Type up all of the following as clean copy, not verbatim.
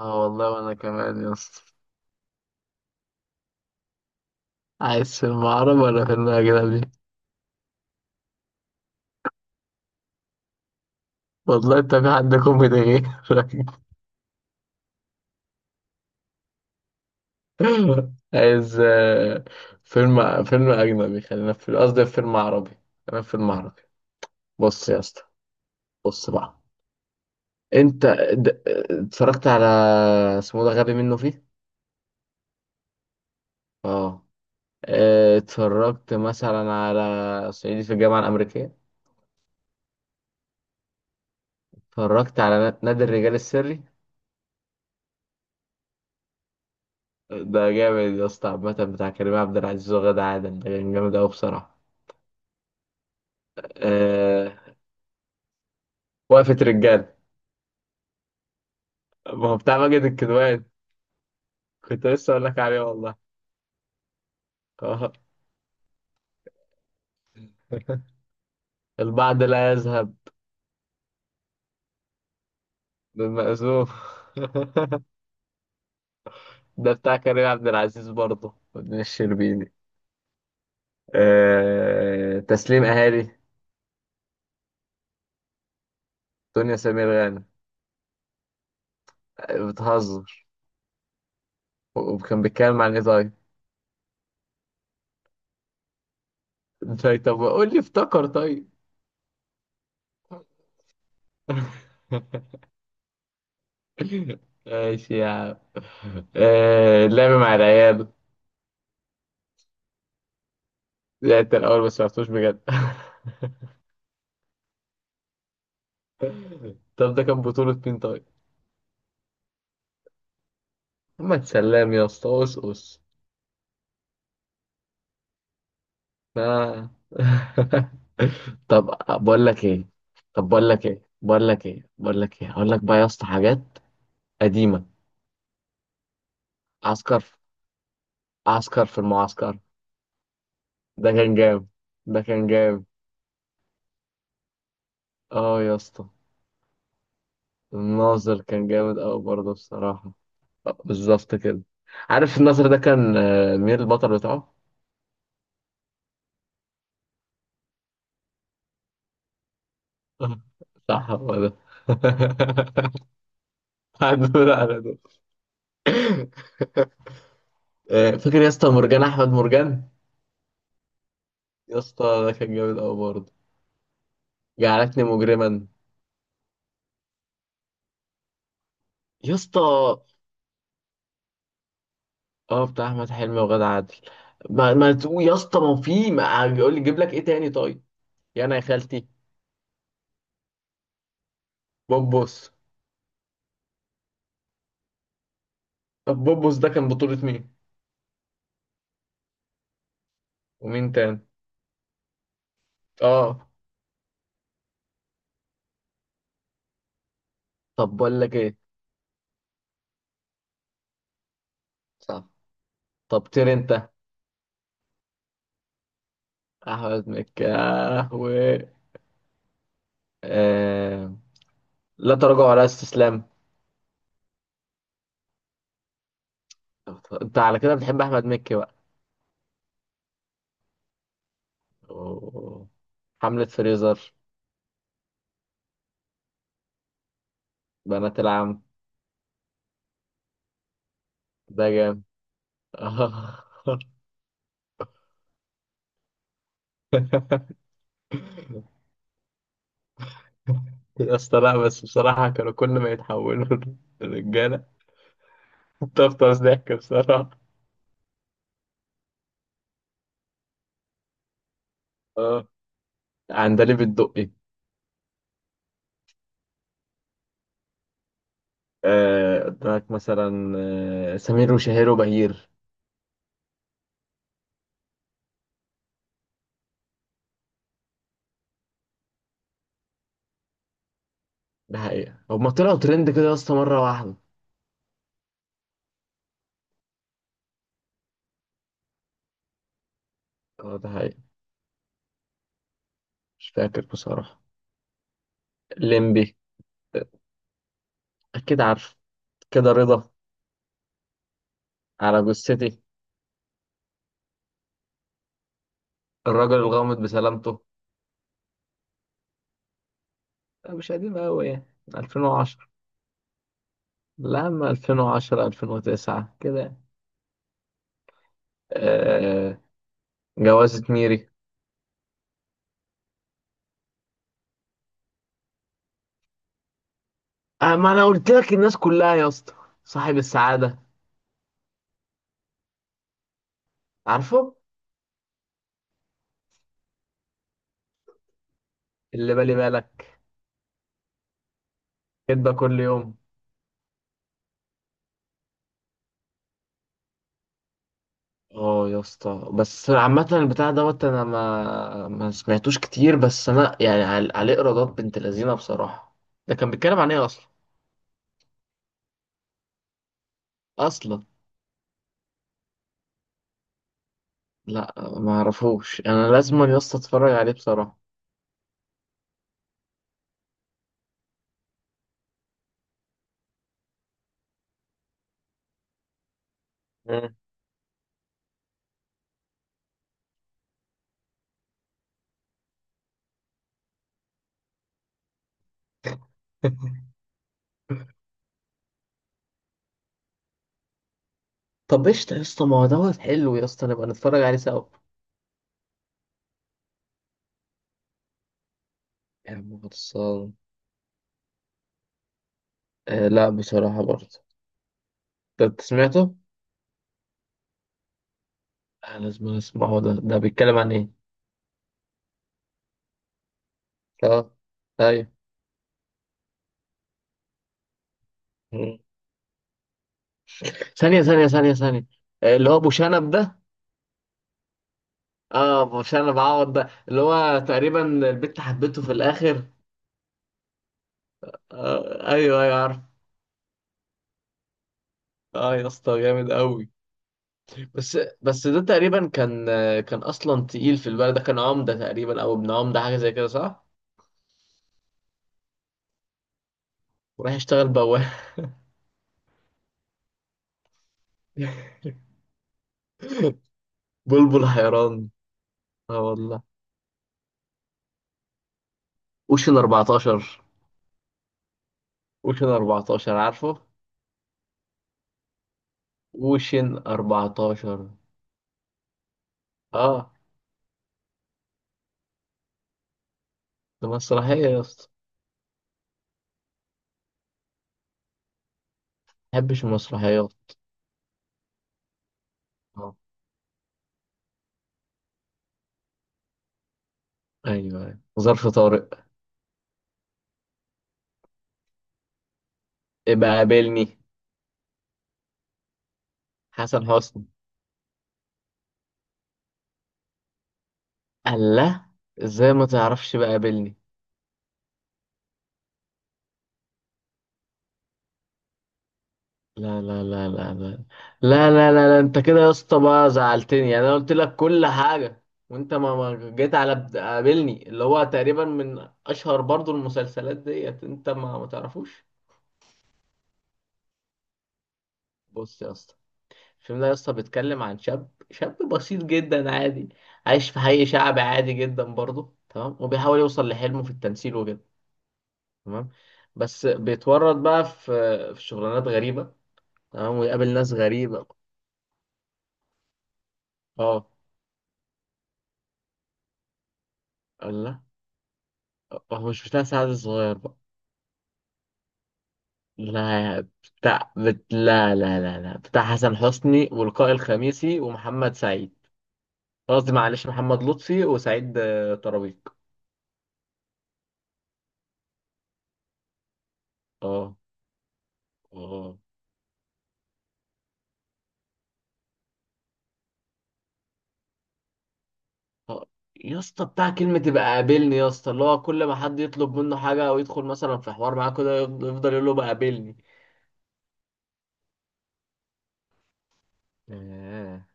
اه والله وانا كمان يا اسطى. عايز فيلم عربي ولا فيلم اجنبي؟ والله انت في حد كوميدي غيرك؟ عايز، فيلم فيلم اجنبي خلينا في قصدي في فيلم عربي. خلينا في فيلم عربي. بص يا اسطى، بص بقى. انت، د- اتفرجت على، اسمه ده غبي منه فيه. اه. اه، اتفرجت مثلا على صعيدي في الجامعة الأمريكية. اتفرجت على نادي الرجال السري. ده جامد يا اسطى، عامة بتاع كريم عبد العزيز وغادة عادل، ده كان جامد أوي بصراحة. أه... وقفة رجالة. ما هو بتاع ماجد الكدواني. كنت لسه أقول لك عليه والله. آه. البعض لا يذهب بالمأزوم. ده بتاع كريم عبد العزيز برضه ودنيا الشربيني. تسليم أهالي، دنيا سمير غانم. بتهزر. وكان بيتكلم عن إيه طيب؟ طيب، قول لي افتكر طيب. ماشي يا عم. اللعب مع العيال. لعبت الأول بس معرفتوش بجد. طب ده كان بطولة مين طيب؟ محمد سلام يا اسطى، أوس. آه. طب بقول لك ايه طب بقول لك ايه بقول لك ايه بقول لك ايه اقول لك بقى يا اسطى حاجات قديمة. عسكر، عسكر في المعسكر. ده كان جامد، ده كان جامد. اه يا اسطى. الناظر كان جامد قوي برضه بصراحة. بالظبط كده. عارف الناظر ده كان، مين البطل بتاعه؟ آه، صح، هو ده. هدول على دول. فاكر يا اسطى مرجان احمد مرجان؟ يا اسطى ده كان جامد قوي برضه. جعلتني مجرما. يا اسطى، اه بتاع احمد حلمي وغادة عادل. ما تقول يا اسطى، ما يقول لي جيب لك ايه تاني طيب؟ يا انا يا خالتي. بوبوس. طب بوبوس ده كان بطولة مين؟ ومين تاني؟ اه. طب بقول لك ايه. صح. طب، طير انت. احمد مكي، و، آه، لا تراجع ولا استسلام. انت على كده بتحب احمد مكي بقى؟ أوه. حملة فريزر. بنات العم، ده جامد. آه. يا اسطى، لا بس بصراحة كانوا كل ما يتحولوا لرجالة، تفطس ضحك بصراحة. اه. عندليب الدقي. قدامك مثلا، سمير وشهير وبهير. ده حقيقة هما طلعوا ترند كده يا اسطى مرة واحدة. اه، ده حقيقة. مش فاكر بصراحة. الليمبي، أكيد عارف. كده رضا. على جثتي. الرجل الغامض بسلامته. لا، مش قديمة أوي يعني. 2010. لا، أما 2010 2009 كده يعني. آه. جوازة ميري. آه، ما أنا قلت لك الناس كلها يا اسطى. صاحب السعادة. عارفه. اللي بالي بالك. كدبة كل يوم. اه يا اسطى، بس عامة البتاع دوت أنا ما سمعتوش كتير، بس أنا يعني، عليه إيرادات بنت لذينة بصراحة. ده كان بيتكلم عن إيه أصلا؟ أصلا، لا، ما أعرفوش، أنا لازم يا اسطى أتفرج عليه بصراحة. مم. طب قشطة يا اسطى، ما هو دوت حلو يا اسطى، نبقى نتفرج عليه سوا. يا عم خلصان. آه لا بصراحة برضه. ده انت سمعته؟ آه لازم اسمعه ده، ده بيتكلم عن ايه؟ اه. طيب. مم. ثانية ثانية ثانية ثانية. آه اللي هو ابو شنب ده. اه، ابو شنب عوض، ده اللي هو تقريبا البت حبته في الاخر. آه، ايوه ايوه عارف. اه يا اسطى جامد قوي. بس، بس ده تقريبا كان، كان اصلا تقيل في البلد، ده كان عمدة تقريبا او ابن عمدة حاجة زي كده، صح؟ وراح يشتغل بواب. بلبل حيران. اه والله. اوشن 14. اوشن 14 عارفه. اوشن 14. اه، ده مسرحية يا اسطى، ما بحبش المسرحيات. اه ايوه ايوه، ظرف طارق. ابقى قابلني. حسن حسني. الله، ازاي ما تعرفش بقى قابلني؟ لا لا لا لا لا. لا. انت كده يا اسطى بقى زعلتني، يعني انا قلت لك كل حاجة، وانت ما جيت على، قابلني، اللي هو تقريبا من اشهر برضو المسلسلات ديت، انت ما تعرفوش. بص يا اسطى. الفيلم ده يا اسطى بيتكلم عن شاب، شاب بسيط جدا عادي، عايش في حي شعبي عادي جدا برضه، تمام؟ وبيحاول يوصل لحلمه في التمثيل وكده، تمام؟ بس بيتورط بقى في شغلانات غريبة، تمام، ويقابل ناس غريبة. اه لا، هو مش بتاع سعد الصغير بقى. لا، لا لا لا لا، بتاع حسن حسني ولقاء الخميسي ومحمد سعيد. قصدي معلش، محمد لطفي وسعيد، طرابيك. اه. اه. آه، يا اسطى بتاع كلمة يبقى قابلني يا اسطى، اللي هو كل ما حد يطلب منه حاجة أو يدخل مثلا في حوار معاه كده، يفضل يقول له بقى قابلني. آه.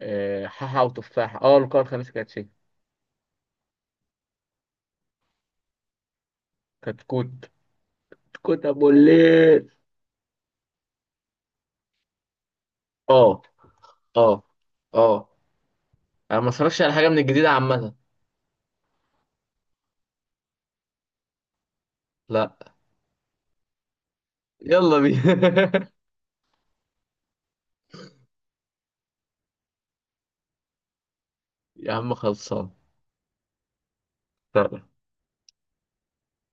حاحة وتفاحة. اه، القارة الخامسة كانت شيء. كانت كوت، كوت أبو الليل. اه. اه. اه. أنا ما اتفرجش على حاجة من الجديدة عامة. لا. يلا بينا. يا عم خلصان.